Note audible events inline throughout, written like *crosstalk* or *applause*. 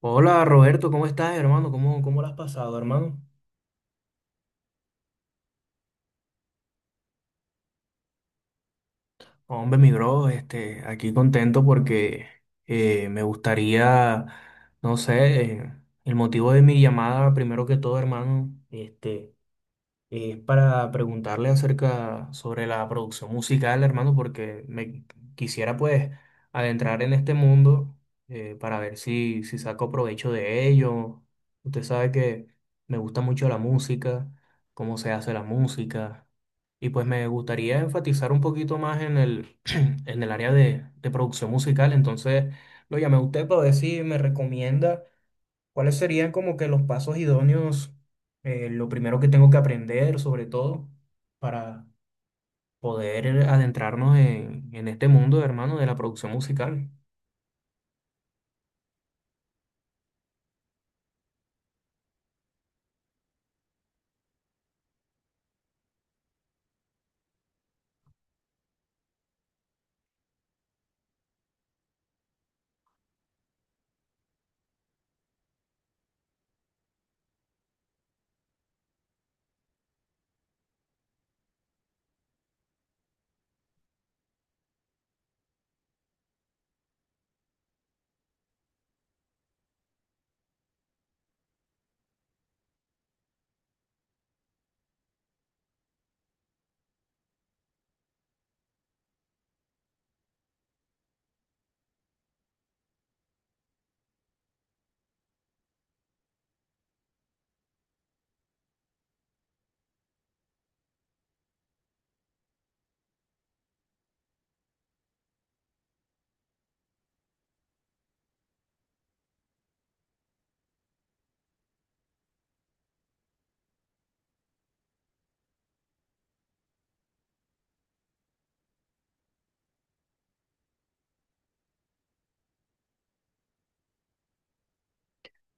Hola Roberto, ¿cómo estás, hermano? ¿Cómo lo has pasado, hermano? Hombre, mi bro, aquí contento porque me gustaría, no sé, el motivo de mi llamada, primero que todo, hermano, este, es para preguntarle acerca sobre la producción musical, hermano, porque me quisiera pues adentrar en este mundo, para ver si saco provecho de ello. Usted sabe que me gusta mucho la música, cómo se hace la música, y pues me gustaría enfatizar un poquito más en *clears throat* en el área de producción musical. Entonces lo llamé a usted para ver si me recomienda. ¿Cuáles serían como que los pasos idóneos, lo primero que tengo que aprender, sobre todo, para poder adentrarnos en este mundo, hermano, de la producción musical?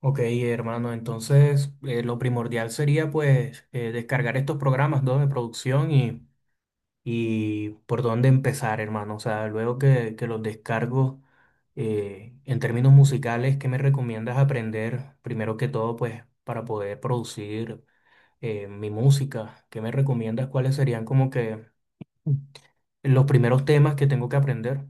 Ok, hermano, entonces lo primordial sería pues descargar estos programas, ¿no? De producción, y por dónde empezar, hermano. O sea, luego que los descargo, en términos musicales, ¿qué me recomiendas aprender primero que todo pues para poder producir mi música? ¿Qué me recomiendas? ¿Cuáles serían como que los primeros temas que tengo que aprender?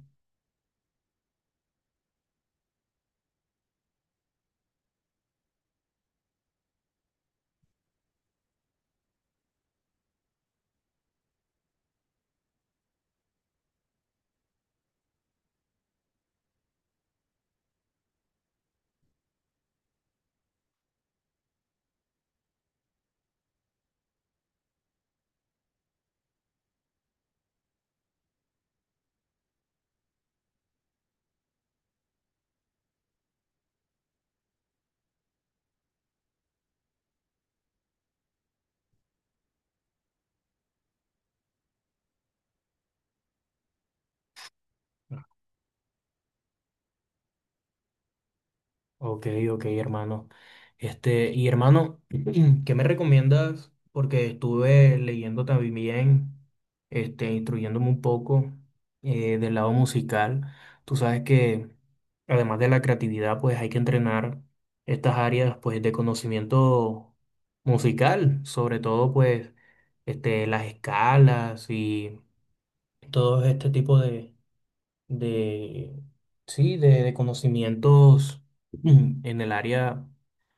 Ok, ok, hermano. Este, y hermano, *clears throat* ¿qué me recomiendas? Porque estuve leyendo también, este, instruyéndome un poco del lado musical. Tú sabes que además de la creatividad, pues hay que entrenar estas áreas, pues, de conocimiento musical, sobre todo, pues, este, las escalas, todo este tipo de sí, de conocimientos, en el área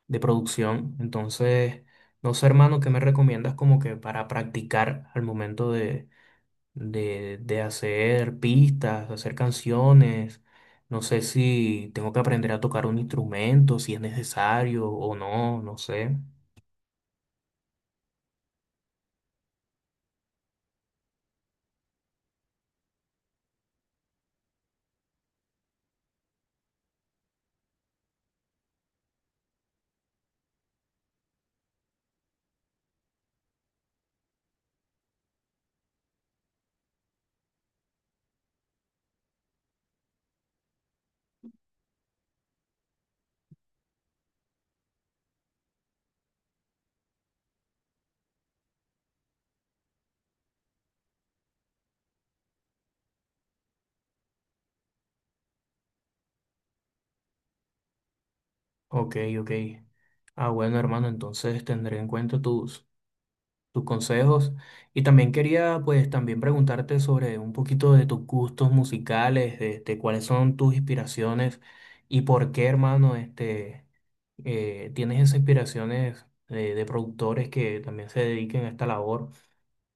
de producción. Entonces, no sé, hermano, ¿qué me recomiendas como que para practicar al momento de hacer pistas, hacer canciones? No sé si tengo que aprender a tocar un instrumento, si es necesario o no, no sé. Ok, ok. Ah, bueno, hermano, entonces tendré en cuenta tus consejos. Y también quería, pues, también preguntarte sobre un poquito de tus gustos musicales, de cuáles son tus inspiraciones, y por qué, hermano, este, tienes esas inspiraciones de productores que también se dediquen a esta labor,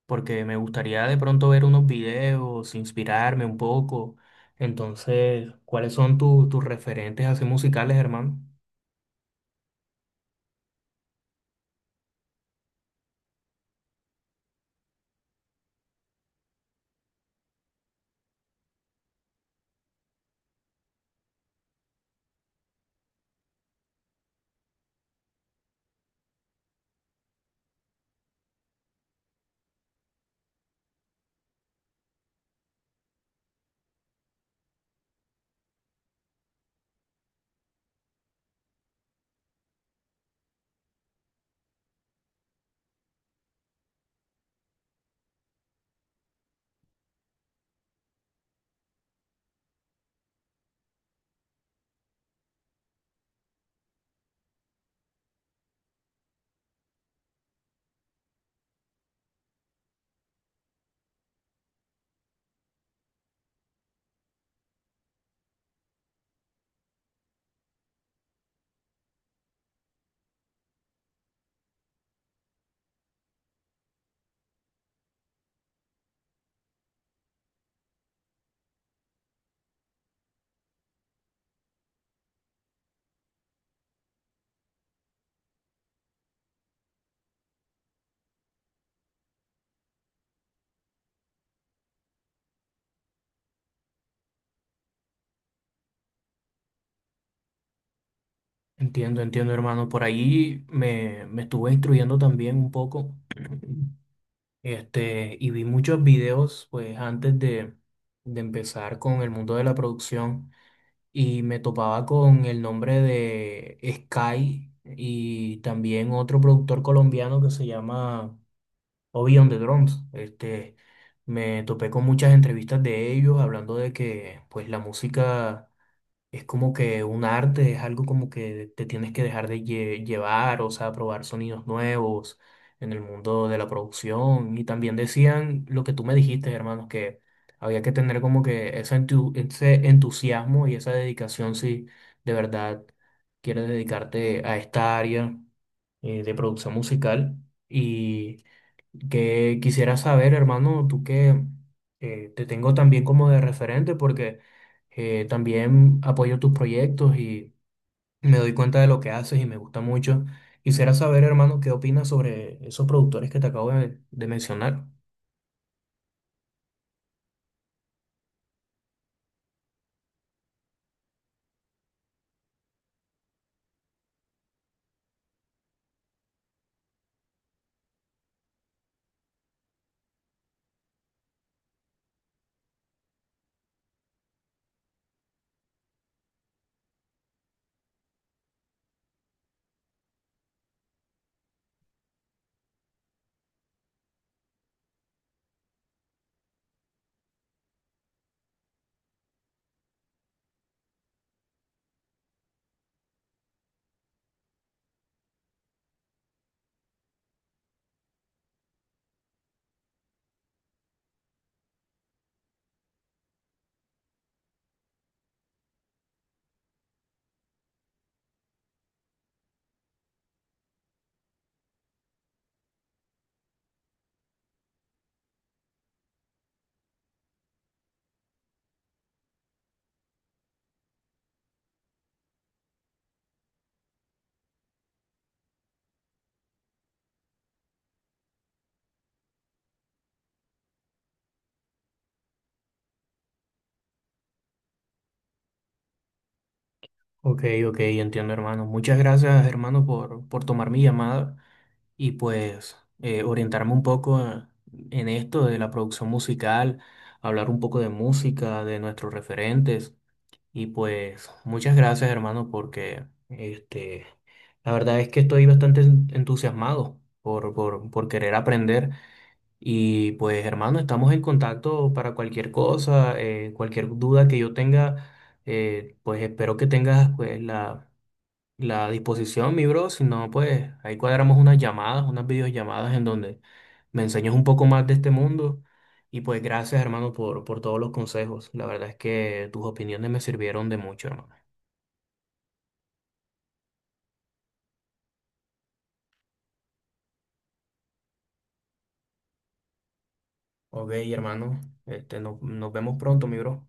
porque me gustaría de pronto ver unos videos, inspirarme un poco. Entonces, ¿cuáles son tus referentes así musicales, hermano? Entiendo, entiendo, hermano. Por me estuve instruyendo también un poco. *clears throat* Este, y vi muchos videos, pues, antes de empezar con el mundo de la producción, y me topaba con el nombre de Sky, y también otro productor colombiano que se llama Obi on the Drums. Este, me topé con muchas entrevistas de ellos hablando de que, pues, la música es como que un arte, es algo como que te tienes que dejar de llevar, o sea, probar sonidos nuevos en el mundo de la producción. Y también decían lo que tú me dijiste, hermanos, que había que tener como que ese entusiasmo y esa dedicación si de verdad quieres dedicarte a esta área de producción musical. Y que quisiera saber, hermano, tú que te tengo también como de referente, porque también apoyo tus proyectos, y me doy cuenta de lo que haces y me gusta mucho. Quisiera saber, hermano, qué opinas sobre esos productores que te acabo de mencionar. Ok, ok, entiendo, hermano. Muchas gracias, hermano, por tomar mi llamada, y pues orientarme un poco en esto de la producción musical, hablar un poco de música, de nuestros referentes. Y pues muchas gracias, hermano, porque este, la verdad es que estoy bastante entusiasmado por querer aprender. Y pues, hermano, estamos en contacto para cualquier cosa, cualquier duda que yo tenga. Eh, pues espero que tengas pues, la disposición, mi bro. Si no, pues ahí cuadramos unas llamadas, unas videollamadas en donde me enseñes un poco más de este mundo. Y pues gracias, hermano, por todos los consejos. La verdad es que tus opiniones me sirvieron de mucho, hermano. Ok, hermano, este, nos vemos pronto, mi bro.